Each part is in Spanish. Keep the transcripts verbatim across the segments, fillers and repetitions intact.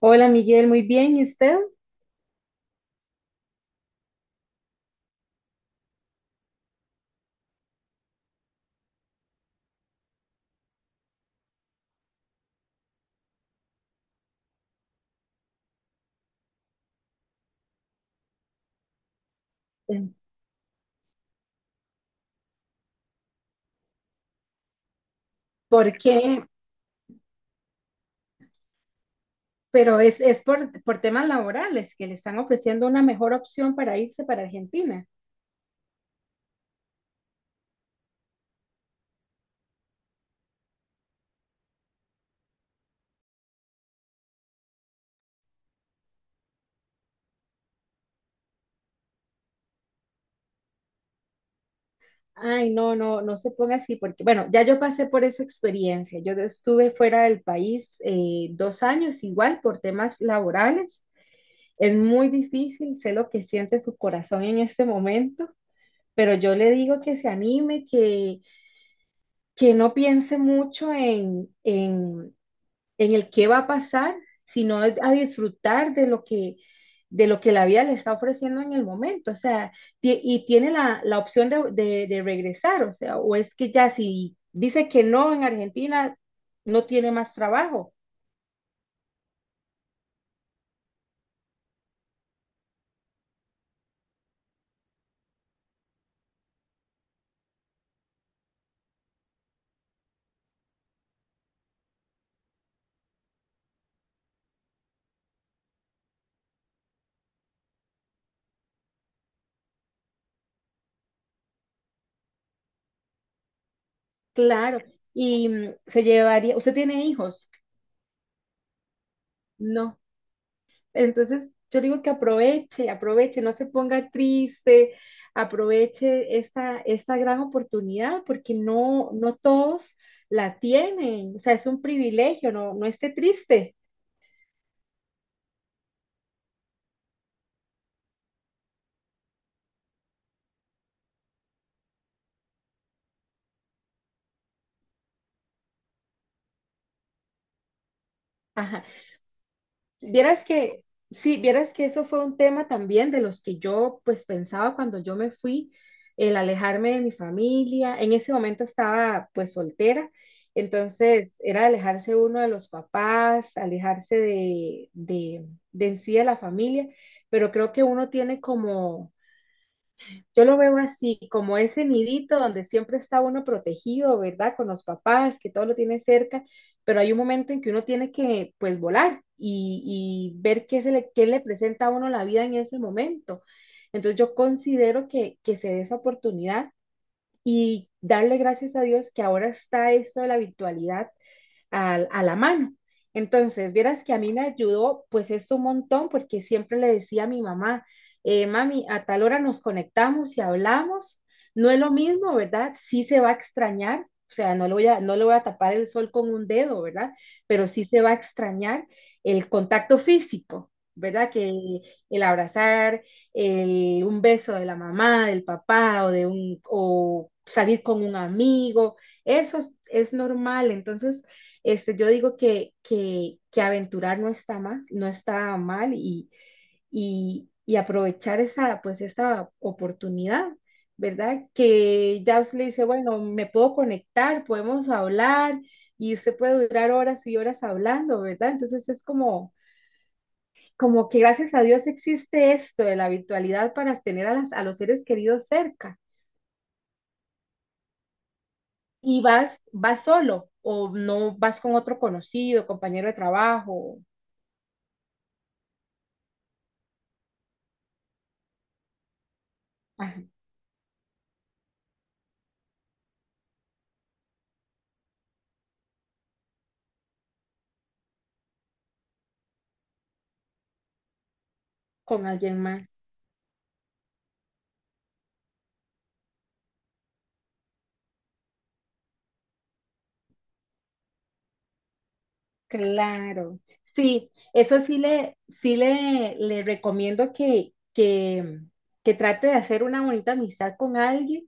Hola Miguel, muy bien. ¿Y usted? Bien. ¿Por qué? Pero es, es por, por temas laborales que le están ofreciendo una mejor opción para irse para Argentina. Ay, no, no, no se ponga así porque, bueno, ya yo pasé por esa experiencia. Yo estuve fuera del país eh, dos años igual por temas laborales. Es muy difícil, sé lo que siente su corazón en este momento, pero yo le digo que se anime, que, que no piense mucho en, en en el qué va a pasar, sino a disfrutar de lo que, de lo que la vida le está ofreciendo en el momento, o sea, ti- y tiene la, la opción de, de, de, regresar, o sea, o es que ya si dice que no en Argentina, no tiene más trabajo, claro, y mm, se llevaría, ¿usted tiene hijos? No. Entonces, yo digo que aproveche, aproveche, no se ponga triste, aproveche esta, esta gran oportunidad porque no, no todos la tienen, o sea, es un privilegio, no, no esté triste. Ajá. Vieras que, sí, vieras que eso fue un tema también de los que yo pues pensaba cuando yo me fui, el alejarme de mi familia. En ese momento estaba pues soltera, entonces era alejarse uno de los papás, alejarse de, de, de en sí de la familia, pero creo que uno tiene como yo lo veo así, como ese nidito donde siempre está uno protegido, ¿verdad? Con los papás, que todo lo tiene cerca, pero hay un momento en que uno tiene que, pues, volar y, y ver qué, se le, qué le presenta a uno la vida en ese momento. Entonces yo considero que, que se dé esa oportunidad y darle gracias a Dios que ahora está esto de la virtualidad a, a la mano. Entonces, vieras que a mí me ayudó pues esto un montón porque siempre le decía a mi mamá, eh, mami, a tal hora nos conectamos y hablamos. No es lo mismo, ¿verdad? Sí se va a extrañar, o sea, no lo voy a, no le voy a tapar el sol con un dedo, ¿verdad? Pero sí se va a extrañar el contacto físico, ¿verdad? Que el abrazar, el, un beso de la mamá, del papá o de un, o salir con un amigo, eso es, es normal. Entonces, este, yo digo que, que, que aventurar no está mal, no está mal y, y, y aprovechar esa, pues, esa oportunidad, ¿verdad? Que ya usted le dice, bueno, me puedo conectar, podemos hablar y usted puede durar horas y horas hablando, ¿verdad? Entonces es como, como que gracias a Dios existe esto de la virtualidad para tener a, las, a los seres queridos cerca y vas, vas solo o no vas con otro conocido, compañero de trabajo. Ajá. Con alguien más. Claro. Sí, eso sí le, sí le, le recomiendo que, que, que trate de hacer una bonita amistad con alguien,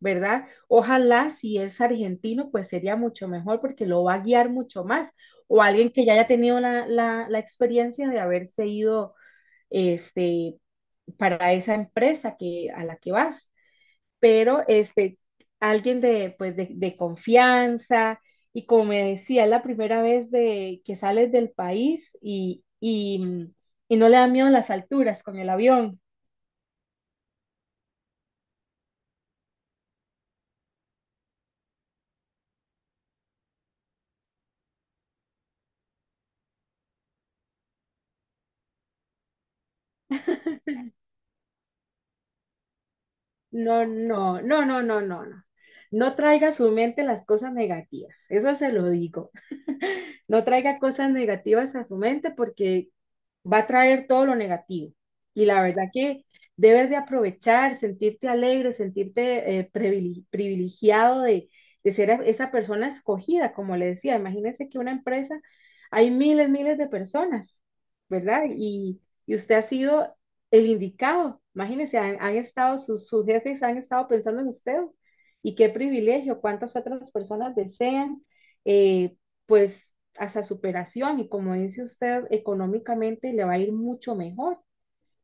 ¿verdad? Ojalá si es argentino, pues sería mucho mejor porque lo va a guiar mucho más. O alguien que ya haya tenido la, la, la experiencia de haberse ido este, para esa empresa que, a la que vas. Pero este, alguien de, pues, de, de confianza y como me decía, es la primera vez de, que sales del país y, y, mm, y no le da miedo las alturas con el avión. No, no, no, no, no, no, no. No traiga a su mente las cosas negativas, eso se lo digo. No traiga cosas negativas a su mente porque va a traer todo lo negativo. Y la verdad que debes de aprovechar, sentirte alegre, sentirte eh, privile- privilegiado de, de ser a- esa persona escogida, como le decía. Imagínese que una empresa, hay miles, miles de personas, ¿verdad? Y, y usted ha sido el indicado. Imagínese, han, han estado, sus, sus jefes han estado pensando en usted. Y qué privilegio, cuántas otras personas desean eh, pues hasta superación y como dice usted, económicamente le va a ir mucho mejor,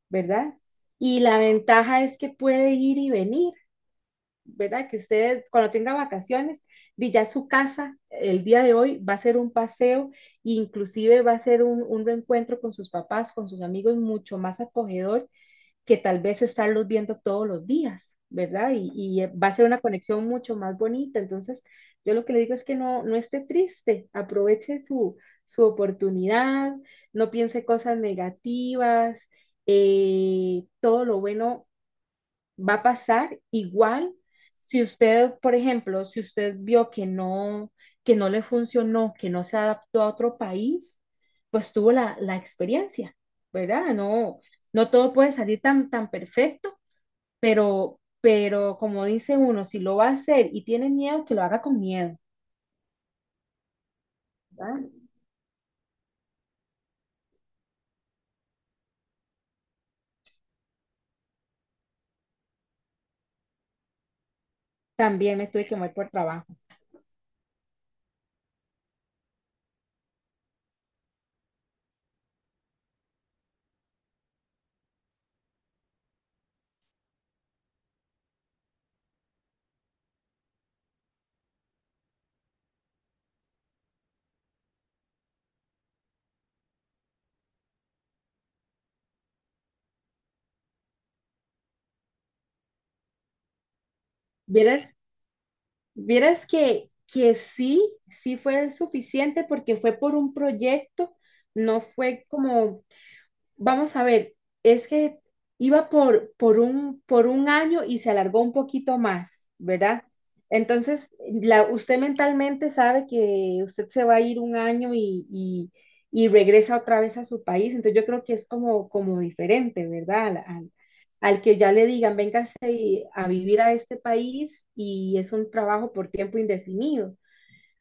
¿verdad? Y la ventaja es que puede ir y venir, ¿verdad? Que usted cuando tenga vacaciones, di, ya su casa el día de hoy va a ser un paseo, e inclusive va a ser un, un reencuentro con sus papás, con sus amigos, mucho más acogedor que tal vez estarlos viendo todos los días, ¿verdad? Y, y eh, va a ser una conexión mucho más bonita. Entonces, yo lo que le digo es que no, no esté triste, aproveche su, su oportunidad, no piense cosas negativas, eh, todo lo bueno va a pasar igual si usted, por ejemplo, si usted vio que no, que no le funcionó, que no se adaptó a otro país, pues tuvo la, la experiencia, ¿verdad? No, no todo puede salir tan, tan perfecto, pero, pero como dice uno, si lo va a hacer y tiene miedo, que lo haga con miedo, ¿verdad? También me tuve que mover por trabajo. Vieras, vieras que, que sí, sí fue suficiente porque fue por un proyecto, no fue como. Vamos a ver, es que iba por, por un, por un año y se alargó un poquito más, ¿verdad? Entonces, la, usted mentalmente sabe que usted se va a ir un año y, y- y regresa otra vez a su país, entonces yo creo que es como, como, diferente, ¿verdad? Al, al- al que ya le digan, véngase a vivir a este país y es un trabajo por tiempo indefinido.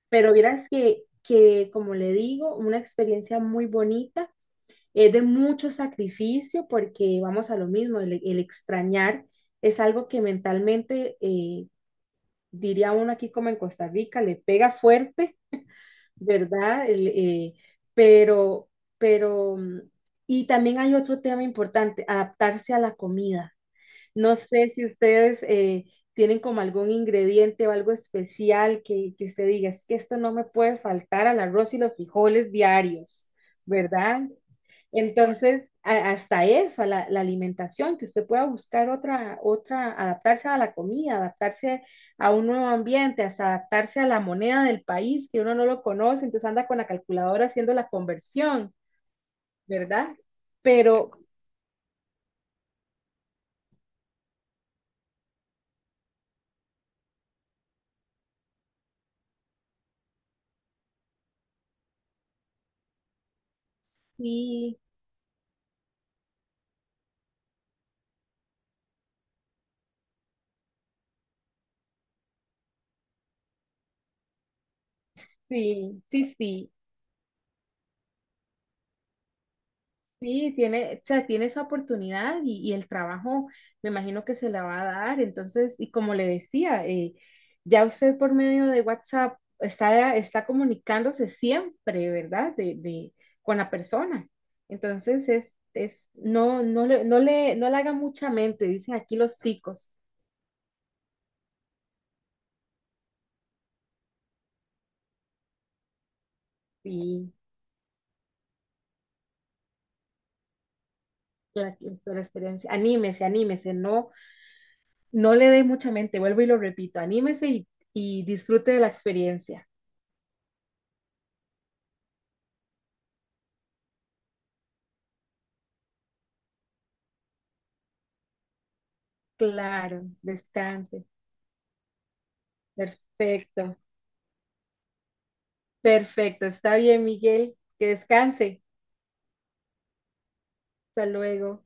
Pero vieras que, que, como le digo, una experiencia muy bonita es de mucho sacrificio porque vamos a lo mismo, el, el extrañar es algo que mentalmente, eh, diría uno aquí como en Costa Rica, le pega fuerte, ¿verdad? El, eh, pero, pero, mm, Y también hay otro tema importante, adaptarse a la comida. No sé si ustedes eh, tienen como algún ingrediente o algo especial que, que usted diga, es que esto no me puede faltar al arroz y los frijoles diarios, ¿verdad? Entonces, a- hasta eso, a la, la alimentación, que usted pueda buscar otra, otra, adaptarse a la comida, adaptarse a un nuevo ambiente, hasta adaptarse a la moneda del país, que uno no lo conoce, entonces anda con la calculadora haciendo la conversión, ¿verdad? Pero sí, sí, sí, sí. Sí, tiene, o sea, tiene esa oportunidad y, y el trabajo me imagino que se la va a dar. Entonces, y como le decía, eh, ya usted por medio de WhatsApp está, está comunicándose siempre, ¿verdad? De, de- con la persona. Entonces, es, es, no, no le, no le, no le haga mucha mente, dicen aquí los ticos. Sí, la, la experiencia. Anímese, anímese, no, no le dé mucha mente, vuelvo y lo repito, anímese y, y disfrute de la experiencia. Claro, descanse. Perfecto, perfecto. Está bien, Miguel. Que descanse. Hasta luego.